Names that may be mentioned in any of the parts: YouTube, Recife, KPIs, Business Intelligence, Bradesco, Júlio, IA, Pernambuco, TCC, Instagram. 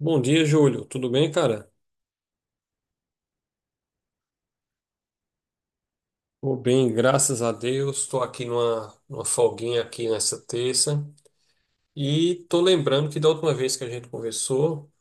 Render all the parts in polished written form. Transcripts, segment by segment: Bom dia, Júlio. Tudo bem, cara? Tô bem, graças a Deus. Estou aqui numa folguinha aqui nessa terça. E tô lembrando que da última vez que a gente conversou,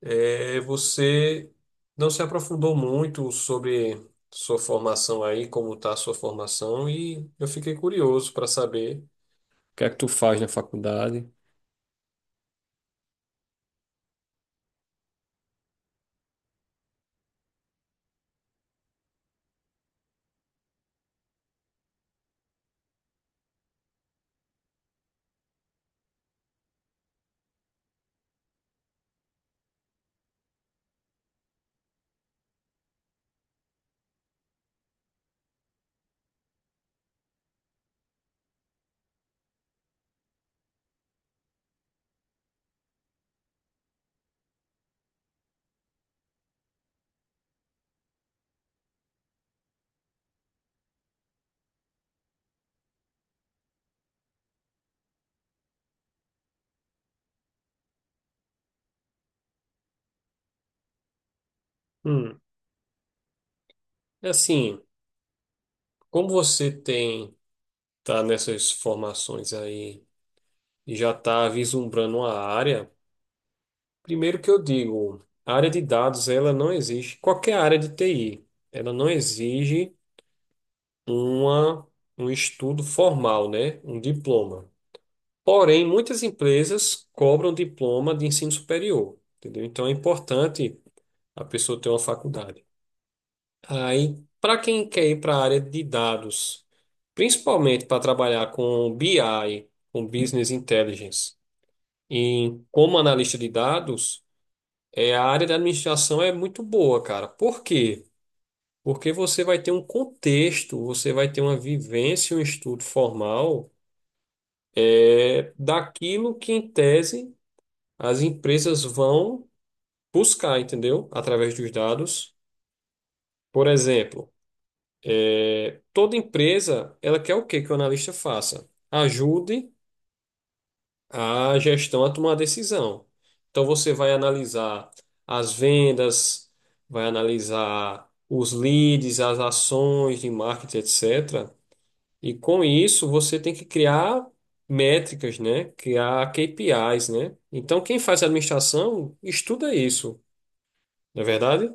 você não se aprofundou muito sobre sua formação aí, como tá a sua formação, e eu fiquei curioso para saber o que é que tu faz na faculdade. Hum, é assim, como você tem tá nessas formações aí e já tá vislumbrando uma área, primeiro que eu digo, a área de dados, ela não exige, qualquer área de TI, ela não exige uma, um estudo formal, né? Um diploma. Porém, muitas empresas cobram diploma de ensino superior, entendeu? Então é importante a pessoa ter uma faculdade. Aí, para quem quer ir para a área de dados, principalmente para trabalhar com BI, com Business Intelligence, em como analista de dados, é, a área da administração é muito boa, cara. Por quê? Porque você vai ter um contexto, você vai ter uma vivência, um estudo formal é, daquilo que, em tese, as empresas vão buscar, entendeu? Através dos dados. Por exemplo, toda empresa, ela quer o quê que o analista faça? Ajude a gestão a tomar a decisão. Então você vai analisar as vendas, vai analisar os leads, as ações de marketing, etc. E com isso você tem que criar métricas, né? Criar KPIs, né? Então quem faz administração estuda isso, não é verdade?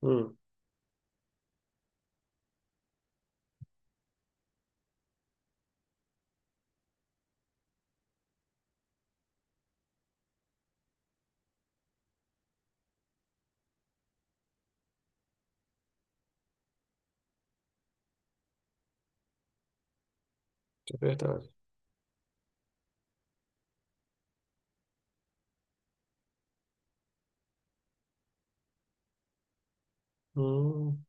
Hum, é verdade. Hum.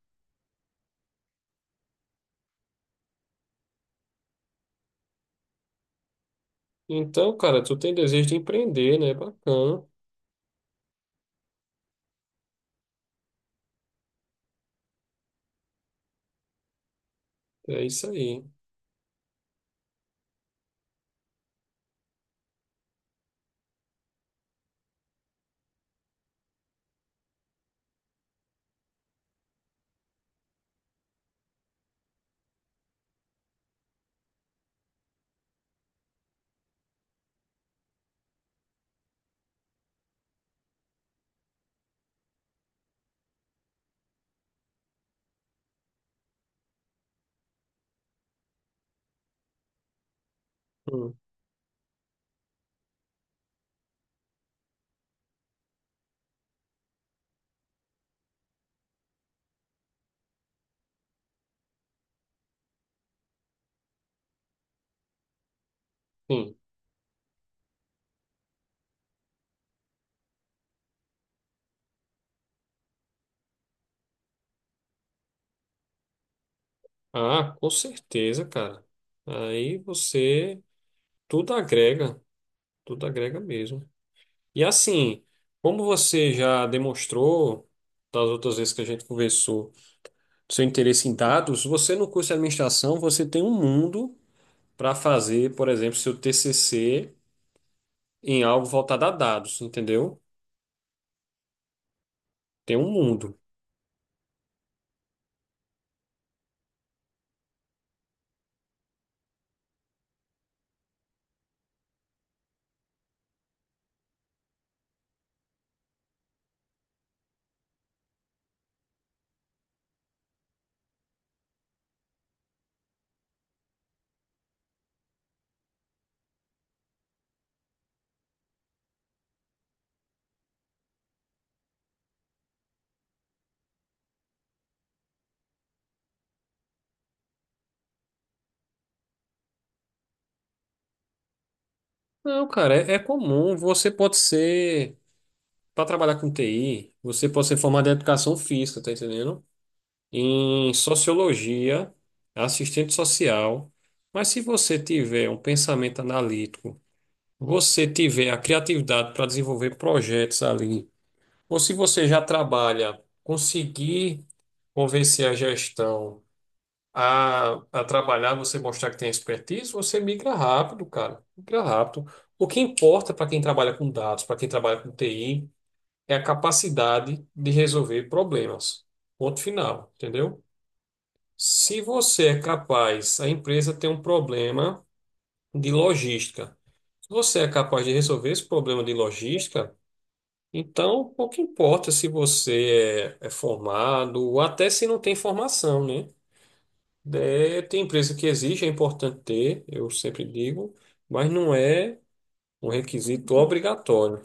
Então, cara, tu tem desejo de empreender, né? Bacana. É isso aí. Hum, sim. Ah, com certeza, cara. Aí você tudo agrega, tudo agrega mesmo. E assim, como você já demonstrou das outras vezes que a gente conversou, seu interesse em dados, você no curso de administração, você tem um mundo para fazer, por exemplo, seu TCC em algo voltado a dados, entendeu? Tem um mundo. Não, cara, é, é comum. Você pode ser, para trabalhar com TI, você pode ser formado em educação física, tá entendendo? Em sociologia, assistente social, mas se você tiver um pensamento analítico, você tiver a criatividade para desenvolver projetos ali, ou se você já trabalha, conseguir convencer a gestão a trabalhar, você mostrar que tem expertise, você migra rápido, cara, migra rápido. O que importa para quem trabalha com dados, para quem trabalha com TI, é a capacidade de resolver problemas. Ponto final, entendeu? Se você é capaz, a empresa tem um problema de logística. Se você é capaz de resolver esse problema de logística, então pouco importa se você é formado ou até se não tem formação, né? É, tem empresa que exige, é importante ter, eu sempre digo, mas não é um requisito obrigatório.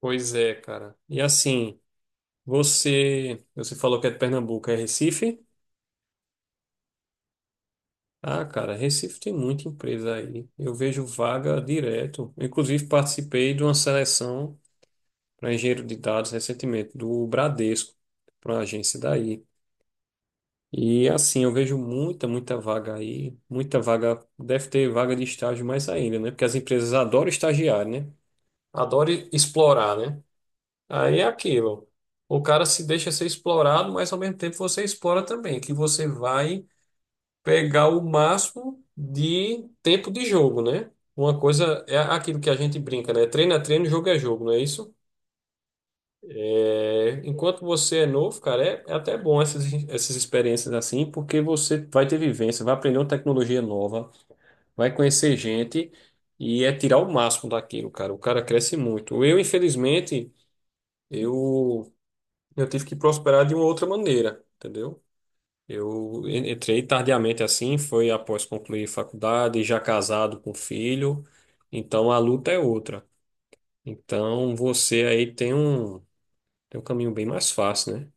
Pois é, cara. E assim, você falou que é de Pernambuco, é Recife? Ah, cara, Recife tem muita empresa aí. Eu vejo vaga direto. Eu, inclusive, participei de uma seleção para engenheiro de dados recentemente, do Bradesco, para uma agência daí. E assim, eu vejo muita vaga aí. Muita vaga, deve ter vaga de estágio mais ainda, né? Porque as empresas adoram estagiar, né? Adoram explorar, né? Aí é aquilo. O cara se deixa ser explorado, mas ao mesmo tempo você explora também, que você vai pegar o máximo de tempo de jogo, né? Uma coisa é aquilo que a gente brinca, né? Treino é treino, jogo é jogo, não é isso? É, enquanto você é novo, cara, é até bom essas experiências assim, porque você vai ter vivência, vai aprender uma tecnologia nova, vai conhecer gente e é tirar o máximo daquilo, cara. O cara cresce muito. Eu, infelizmente, eu, eu tive que prosperar de uma outra maneira, entendeu? Entrei tardiamente assim, foi após concluir faculdade, já casado com filho, então a luta é outra. Então você aí tem um caminho bem mais fácil, né?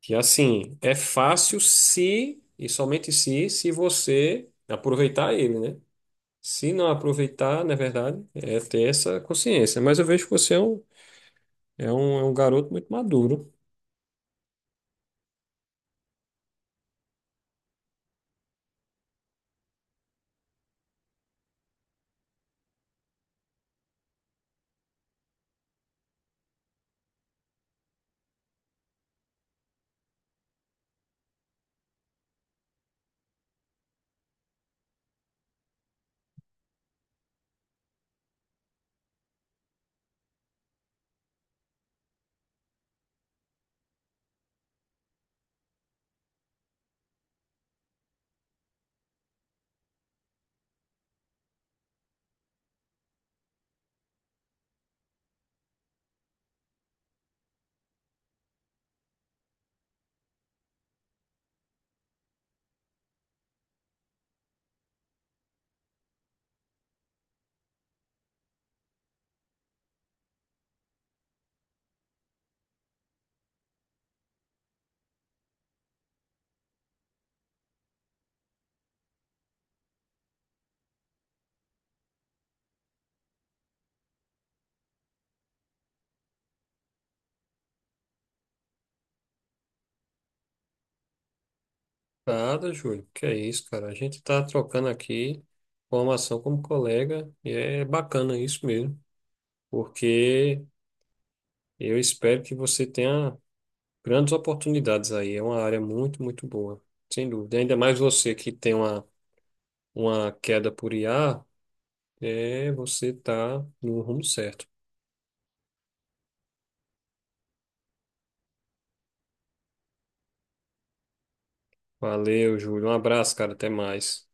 Que assim, é fácil se, e somente se, se você aproveitar ele, né? Se não aproveitar, na verdade, é ter essa consciência. Mas eu vejo que você é um garoto muito maduro. Nada, Júlio. Que é isso, cara? A gente tá trocando aqui formação como colega e é bacana isso mesmo, porque eu espero que você tenha grandes oportunidades aí. É uma área muito, muito boa, sem dúvida. Ainda mais você que tem uma queda por IA, é, você tá no rumo certo. Valeu, Júlio. Um abraço, cara. Até mais.